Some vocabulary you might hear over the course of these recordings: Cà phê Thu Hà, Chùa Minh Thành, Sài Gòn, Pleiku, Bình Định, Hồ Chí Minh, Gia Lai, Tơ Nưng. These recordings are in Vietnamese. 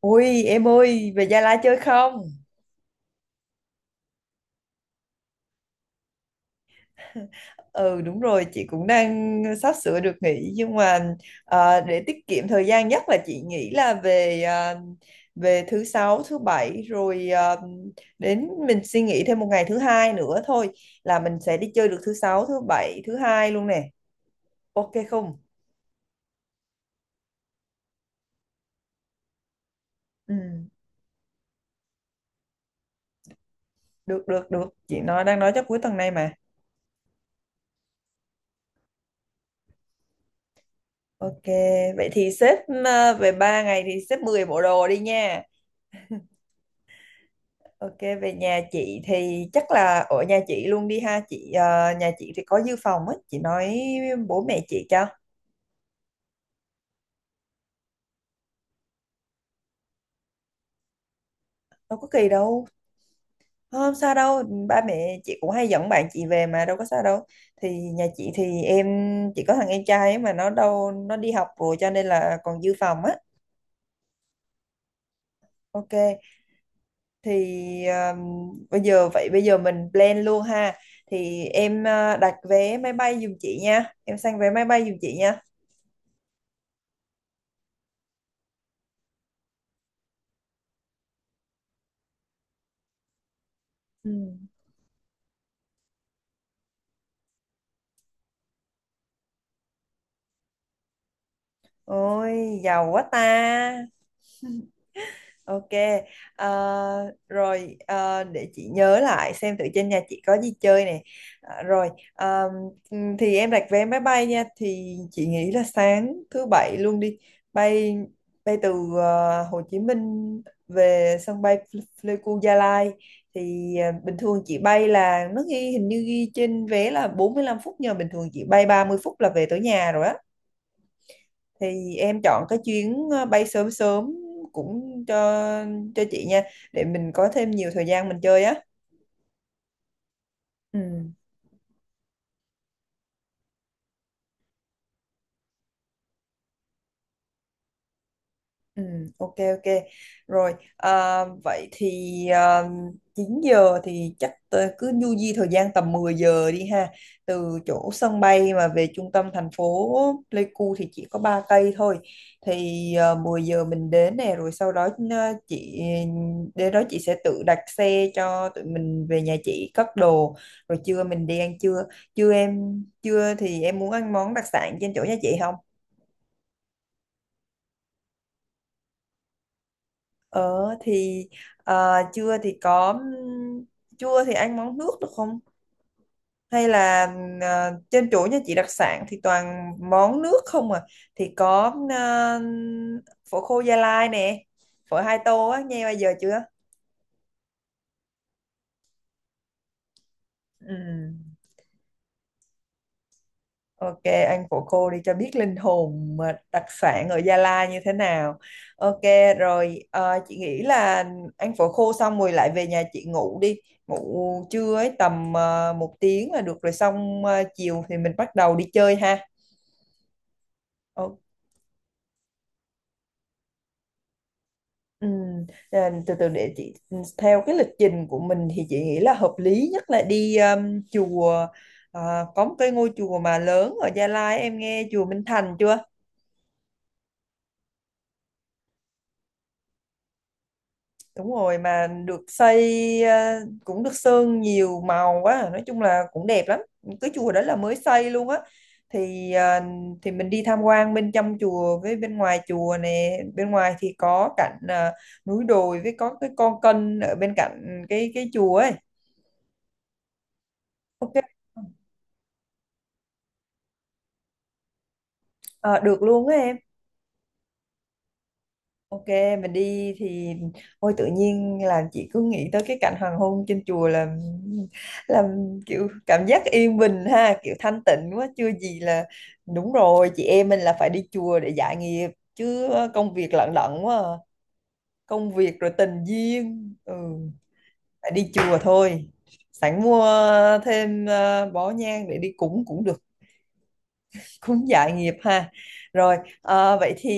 Ôi em ơi về Gia Lai chơi không? Ừ đúng rồi chị cũng đang sắp sửa được nghỉ nhưng mà để tiết kiệm thời gian nhất là chị nghĩ là về thứ sáu thứ bảy rồi, đến mình suy nghĩ thêm một ngày thứ hai nữa thôi là mình sẽ đi chơi được thứ sáu thứ bảy thứ hai luôn nè, ok không? Ừ được được được chị đang nói chắc cuối tuần này mà. Ok, vậy thì xếp về 3 ngày thì xếp 10 bộ đồ đi nha. Ok, về nhà chị thì chắc là ở nhà chị luôn đi ha chị, nhà chị thì có dự phòng á, chị nói bố mẹ chị cho. Đâu có kỳ đâu. Không sao đâu. Ba mẹ chị cũng hay dẫn bạn chị về mà đâu có sao đâu. Thì nhà chị thì em chỉ có thằng em trai ấy mà nó đâu, nó đi học rồi cho nên là còn dự phòng á. Ok, thì bây giờ mình plan luôn ha. Thì em đặt vé máy bay giùm chị nha, em sang vé máy bay giùm chị nha. Ừ. Ôi, giàu quá ta. Ok. ờ, Rồi để chị nhớ lại xem thử trên nhà chị có gì chơi nè. Ờ, rồi thì em đặt vé máy bay nha. Thì chị nghĩ là sáng thứ bảy luôn đi. Bay bay từ Hồ Chí Minh về sân bay Pleiku Gia Lai. Thì bình thường chị bay là nó ghi, hình như ghi trên vé là 45 phút, nhưng mà bình thường chị bay 30 phút là về tới nhà rồi á. Thì em chọn cái chuyến bay sớm sớm cũng cho chị nha, để mình có thêm nhiều thời gian mình chơi á. Ừ. Ừ, ok ok rồi, vậy thì à, 9 giờ thì chắc tớ cứ du di thời gian tầm 10 giờ đi ha. Từ chỗ sân bay mà về trung tâm thành phố Pleiku thì chỉ có 3 cây thôi, thì 10 giờ mình đến nè, rồi sau đó chị đến đó chị sẽ tự đặt xe cho tụi mình về nhà chị cất đồ, rồi trưa mình đi ăn trưa. Trưa thì em muốn ăn món đặc sản trên chỗ nhà chị không? Ờ thì à, trưa thì có trưa thì ăn món nước được không? Hay là trên chỗ nhà chị đặc sản thì toàn món nước không à? Thì có phở khô Gia Lai nè, phở 2 tô á, nghe bao giờ chưa? Ừ. Ok, anh phụ cô đi cho biết linh hồn mà đặc sản ở Gia Lai như thế nào. Ok, rồi chị nghĩ là anh phụ cô xong rồi lại về nhà chị ngủ đi. Ngủ trưa ấy tầm 1 tiếng là được rồi, xong chiều thì mình bắt đầu đi chơi ha. Ồ, ừm, từ từ để chị, theo cái lịch trình của mình thì chị nghĩ là hợp lý nhất là đi chùa. Có một cái ngôi chùa mà lớn ở Gia Lai, em nghe chùa Minh Thành chưa? Đúng rồi, mà được xây cũng được sơn nhiều màu quá à, nói chung là cũng đẹp lắm. Cái chùa đó là mới xây luôn á, thì mình đi tham quan bên trong chùa với bên ngoài chùa nè, bên ngoài thì có cạnh núi đồi, với có cái con kênh ở bên cạnh cái chùa ấy. Ok. Ờ, được luôn á em. Ok, mình đi thì, ôi tự nhiên là chị cứ nghĩ tới cái cảnh hoàng hôn trên chùa là làm kiểu cảm giác yên bình ha, kiểu thanh tịnh quá. Chưa gì là đúng rồi, chị em mình là phải đi chùa để giải nghiệp chứ, công việc lận đận quá à. Công việc rồi tình duyên, phải đi chùa thôi. Sẵn mua thêm bó nhang để đi cúng cũng được, cũng dạ nghiệp ha. Rồi vậy thì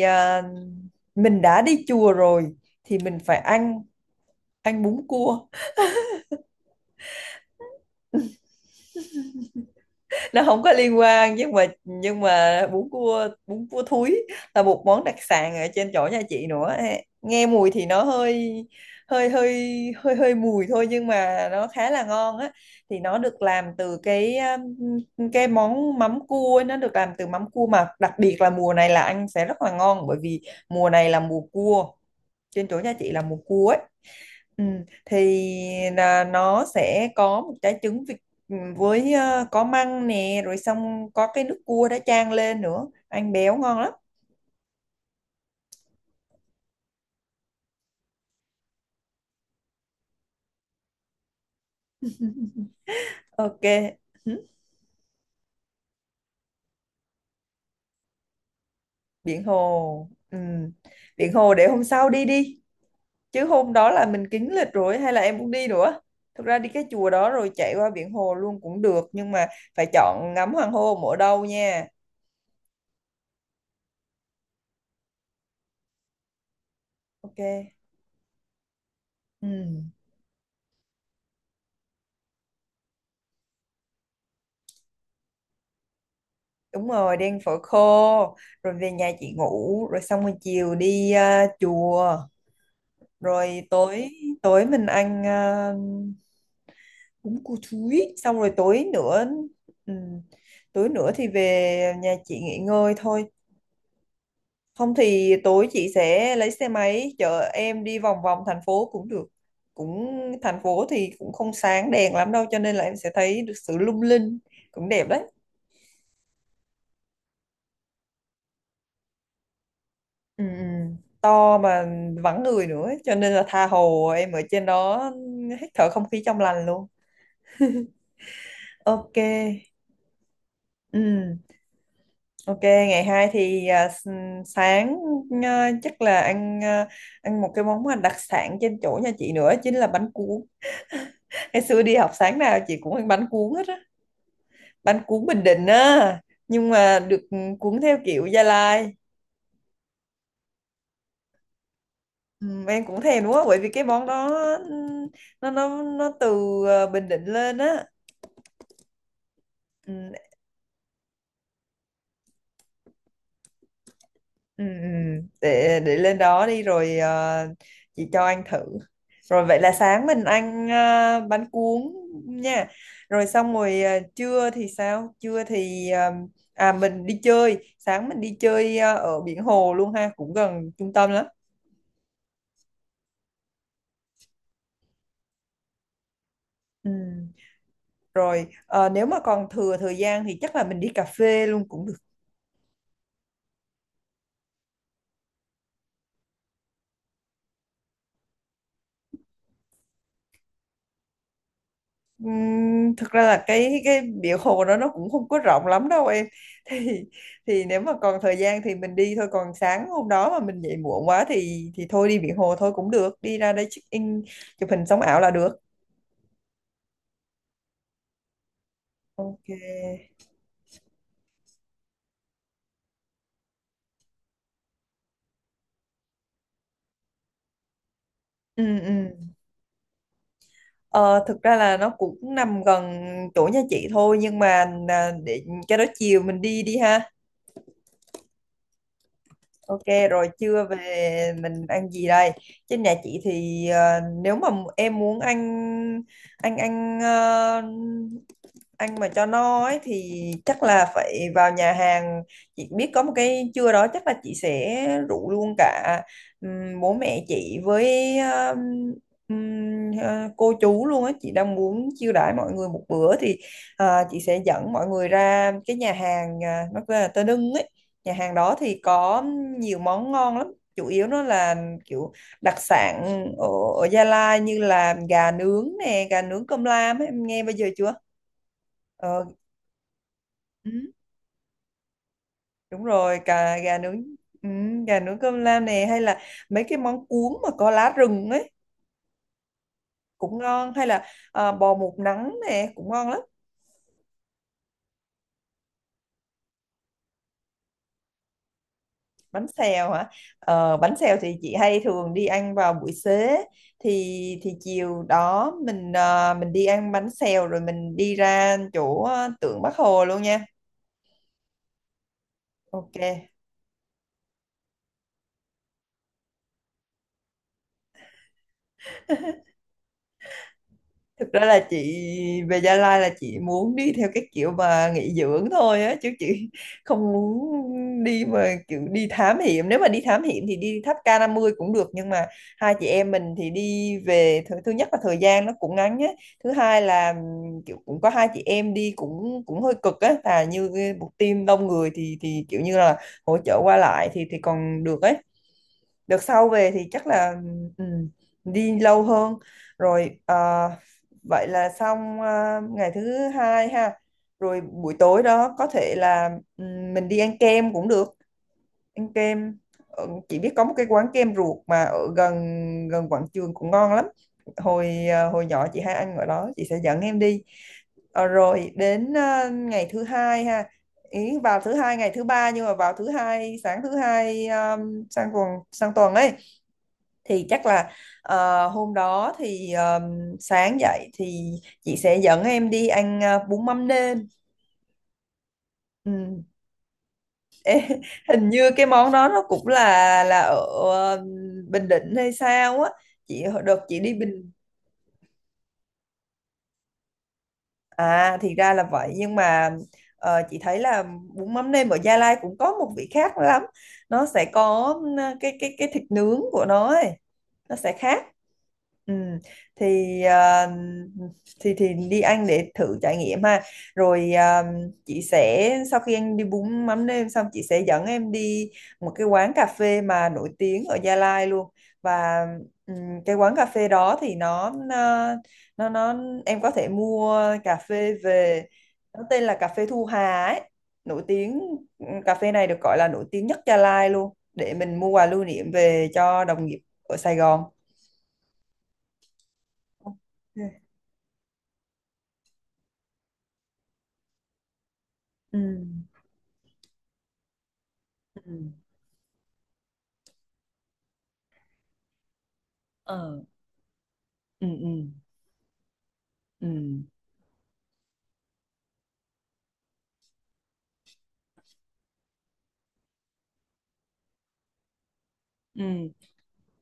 ờ, mình đã đi chùa rồi thì mình phải ăn ăn bún cua. Nó không có liên quan nhưng mà, bún cua thúi là một món đặc sản ở trên chỗ nhà chị nữa. Nghe mùi thì nó hơi hơi hơi hơi hơi mùi thôi nhưng mà nó khá là ngon á. Thì nó được làm từ cái món mắm cua ấy, nó được làm từ mắm cua, mà đặc biệt là mùa này là ăn sẽ rất là ngon, bởi vì mùa này là mùa cua, trên chỗ nhà chị là mùa cua ấy. Ừ, thì là nó sẽ có một trái trứng vịt, với có măng nè, rồi xong có cái nước cua đã chan lên nữa, ăn béo ngon lắm. Ok. Ừ, biển hồ. Ừ. Biển hồ để hôm sau đi đi, chứ hôm đó là mình kín lịch rồi, hay là em muốn đi nữa? Thực ra đi cái chùa đó rồi chạy qua biển hồ luôn cũng được, nhưng mà phải chọn ngắm hoàng hôn ở đâu nha. Ok. Ừ. Đúng rồi, đi ăn phở khô, rồi về nhà chị ngủ, rồi xong rồi chiều đi chùa, rồi tối tối mình ăn bún cua thúi, xong rồi tối nữa. ừm, Tối nữa thì về nhà chị nghỉ ngơi thôi, không thì tối chị sẽ lấy xe máy chở em đi vòng vòng thành phố cũng được. cũng Thành phố thì cũng không sáng đèn lắm đâu, cho nên là em sẽ thấy được sự lung linh, cũng đẹp đấy. Ừ, ừ. To mà vắng người nữa ấy, cho nên là tha hồ em ở trên đó hít thở không khí trong lành luôn. Ok. Ừ. Ok, ngày hai thì sáng chắc là ăn một cái món mà đặc sản trên chỗ nhà chị nữa, chính là bánh cuốn. Ngày xưa đi học sáng nào chị cũng ăn bánh cuốn hết á, bánh cuốn Bình Định á, nhưng mà được cuốn theo kiểu Gia Lai. Ừ, em cũng thèm đúng không, bởi vì cái món đó, ừ, nó từ Bình Định lên á. Ừ. Ừ, ừ, để lên đó đi rồi chị cho anh thử. Rồi vậy là sáng mình ăn bánh cuốn nha, rồi xong rồi trưa thì sao? Trưa thì mình đi chơi, ở biển hồ luôn ha, cũng gần trung tâm lắm. Ừ. Rồi nếu mà còn thừa thời gian thì chắc là mình đi cà phê luôn cũng được. Thực ra là cái biển hồ đó nó cũng không có rộng lắm đâu em thì, nếu mà còn thời gian thì mình đi thôi, còn sáng hôm đó mà mình dậy muộn quá thì, thôi đi biển hồ thôi cũng được, đi ra đây check in chụp hình sống ảo là được. Ok. Ừ ừ. Ờ, Thực ra là nó cũng nằm gần chỗ nhà chị thôi, nhưng mà để cho đó chiều mình đi đi ha. Ok, rồi trưa về mình ăn gì đây? Trên nhà chị thì nếu mà em muốn ăn ăn ăn ờ, ăn mà cho no ấy thì chắc là phải vào nhà hàng. Chị biết có một cái, trưa đó chắc là chị sẽ rủ luôn cả bố mẹ chị với cô chú luôn á. Chị đang muốn chiêu đãi mọi người một bữa, thì chị sẽ dẫn mọi người ra cái nhà hàng, nó tên là Tơ Nưng ấy. Nhà hàng đó thì có nhiều món ngon lắm, chủ yếu nó là kiểu đặc sản ở, Gia Lai, như là gà nướng nè, gà nướng cơm lam ấy, em nghe bao giờ chưa? ờ, ừ, đúng rồi, cả gà nướng, ừ, gà nướng cơm lam nè, hay là mấy cái món cuốn mà có lá rừng ấy cũng ngon, hay là bò một nắng nè cũng ngon lắm. Bánh xèo hả? Bánh xèo thì chị hay thường đi ăn vào buổi xế, thì chiều đó mình, đi ăn bánh xèo rồi mình đi ra chỗ tượng Bác Hồ luôn nha. Ok. Thực ra là chị về Gia Lai là chị muốn đi theo cái kiểu mà nghỉ dưỡng thôi á, chứ chị không muốn đi mà kiểu đi thám hiểm. Nếu mà đi thám hiểm thì đi tháp k mươi cũng được, nhưng mà hai chị em mình thì đi về, thứ nhất là thời gian nó cũng ngắn á, thứ hai là kiểu cũng có hai chị em đi cũng, hơi cực á, là như cái một team đông người thì, kiểu như là hỗ trợ qua lại thì, còn được ấy. Đợt sau về thì chắc là, ừ, đi lâu hơn. Rồi vậy là xong ngày thứ hai ha. Rồi buổi tối đó có thể là, ừ, mình đi ăn kem cũng được. Ăn kem. Ờ, chị biết có một cái quán kem ruột mà ở gần, quảng trường, cũng ngon lắm. Hồi hồi nhỏ chị hay ăn ở đó, chị sẽ dẫn em đi. Ờ, rồi đến ngày thứ hai ha, ý vào thứ hai ngày thứ ba, nhưng mà vào thứ hai, sáng thứ hai sang tuần ấy, thì chắc là hôm đó thì sáng dậy thì chị sẽ dẫn em đi ăn bún mắm nêm. Ừ. Hình như cái món đó nó cũng là ở ờ, Bình Định hay sao á, chị đợt chị đi Bình. À thì ra là vậy, nhưng mà chị thấy là bún mắm nêm ở Gia Lai cũng có một vị khác lắm. Nó sẽ có, cái thịt nướng của nó ấy. Nó sẽ khác. Ừ. Thì thì đi ăn để thử trải nghiệm ha. Rồi chị sẽ, sau khi anh đi bún mắm nêm xong, chị sẽ dẫn em đi một cái quán cà phê mà nổi tiếng ở Gia Lai luôn. Và ừ, cái quán cà phê đó thì nó nó nó em có thể mua cà phê về, nó tên là cà phê Thu Hà ấy, nổi tiếng. Cà phê này được gọi là nổi tiếng nhất Gia Lai luôn, để mình mua quà lưu niệm về cho đồng nghiệp ở Sài Gòn. Ok. Ừ ừ. Ờ. Ừ ừ ừ ừ.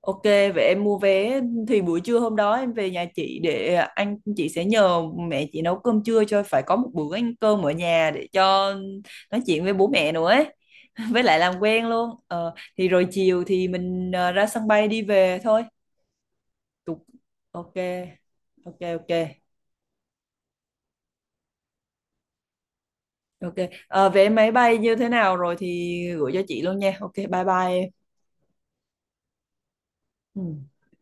Ok, vậy em mua vé thì buổi trưa hôm đó em về nhà chị, để anh chị sẽ nhờ mẹ chị nấu cơm trưa cho, phải có một bữa ăn cơm ở nhà để cho nói chuyện với bố mẹ nữa ấy. Với lại làm quen luôn. Ờ, thì rồi chiều thì mình, ra sân bay đi về thôi. Tục. Ok. Ok ok. Ok. Ờ, vé máy bay như thế nào rồi thì gửi cho chị luôn nha. Ok, bye bye em. Ừ.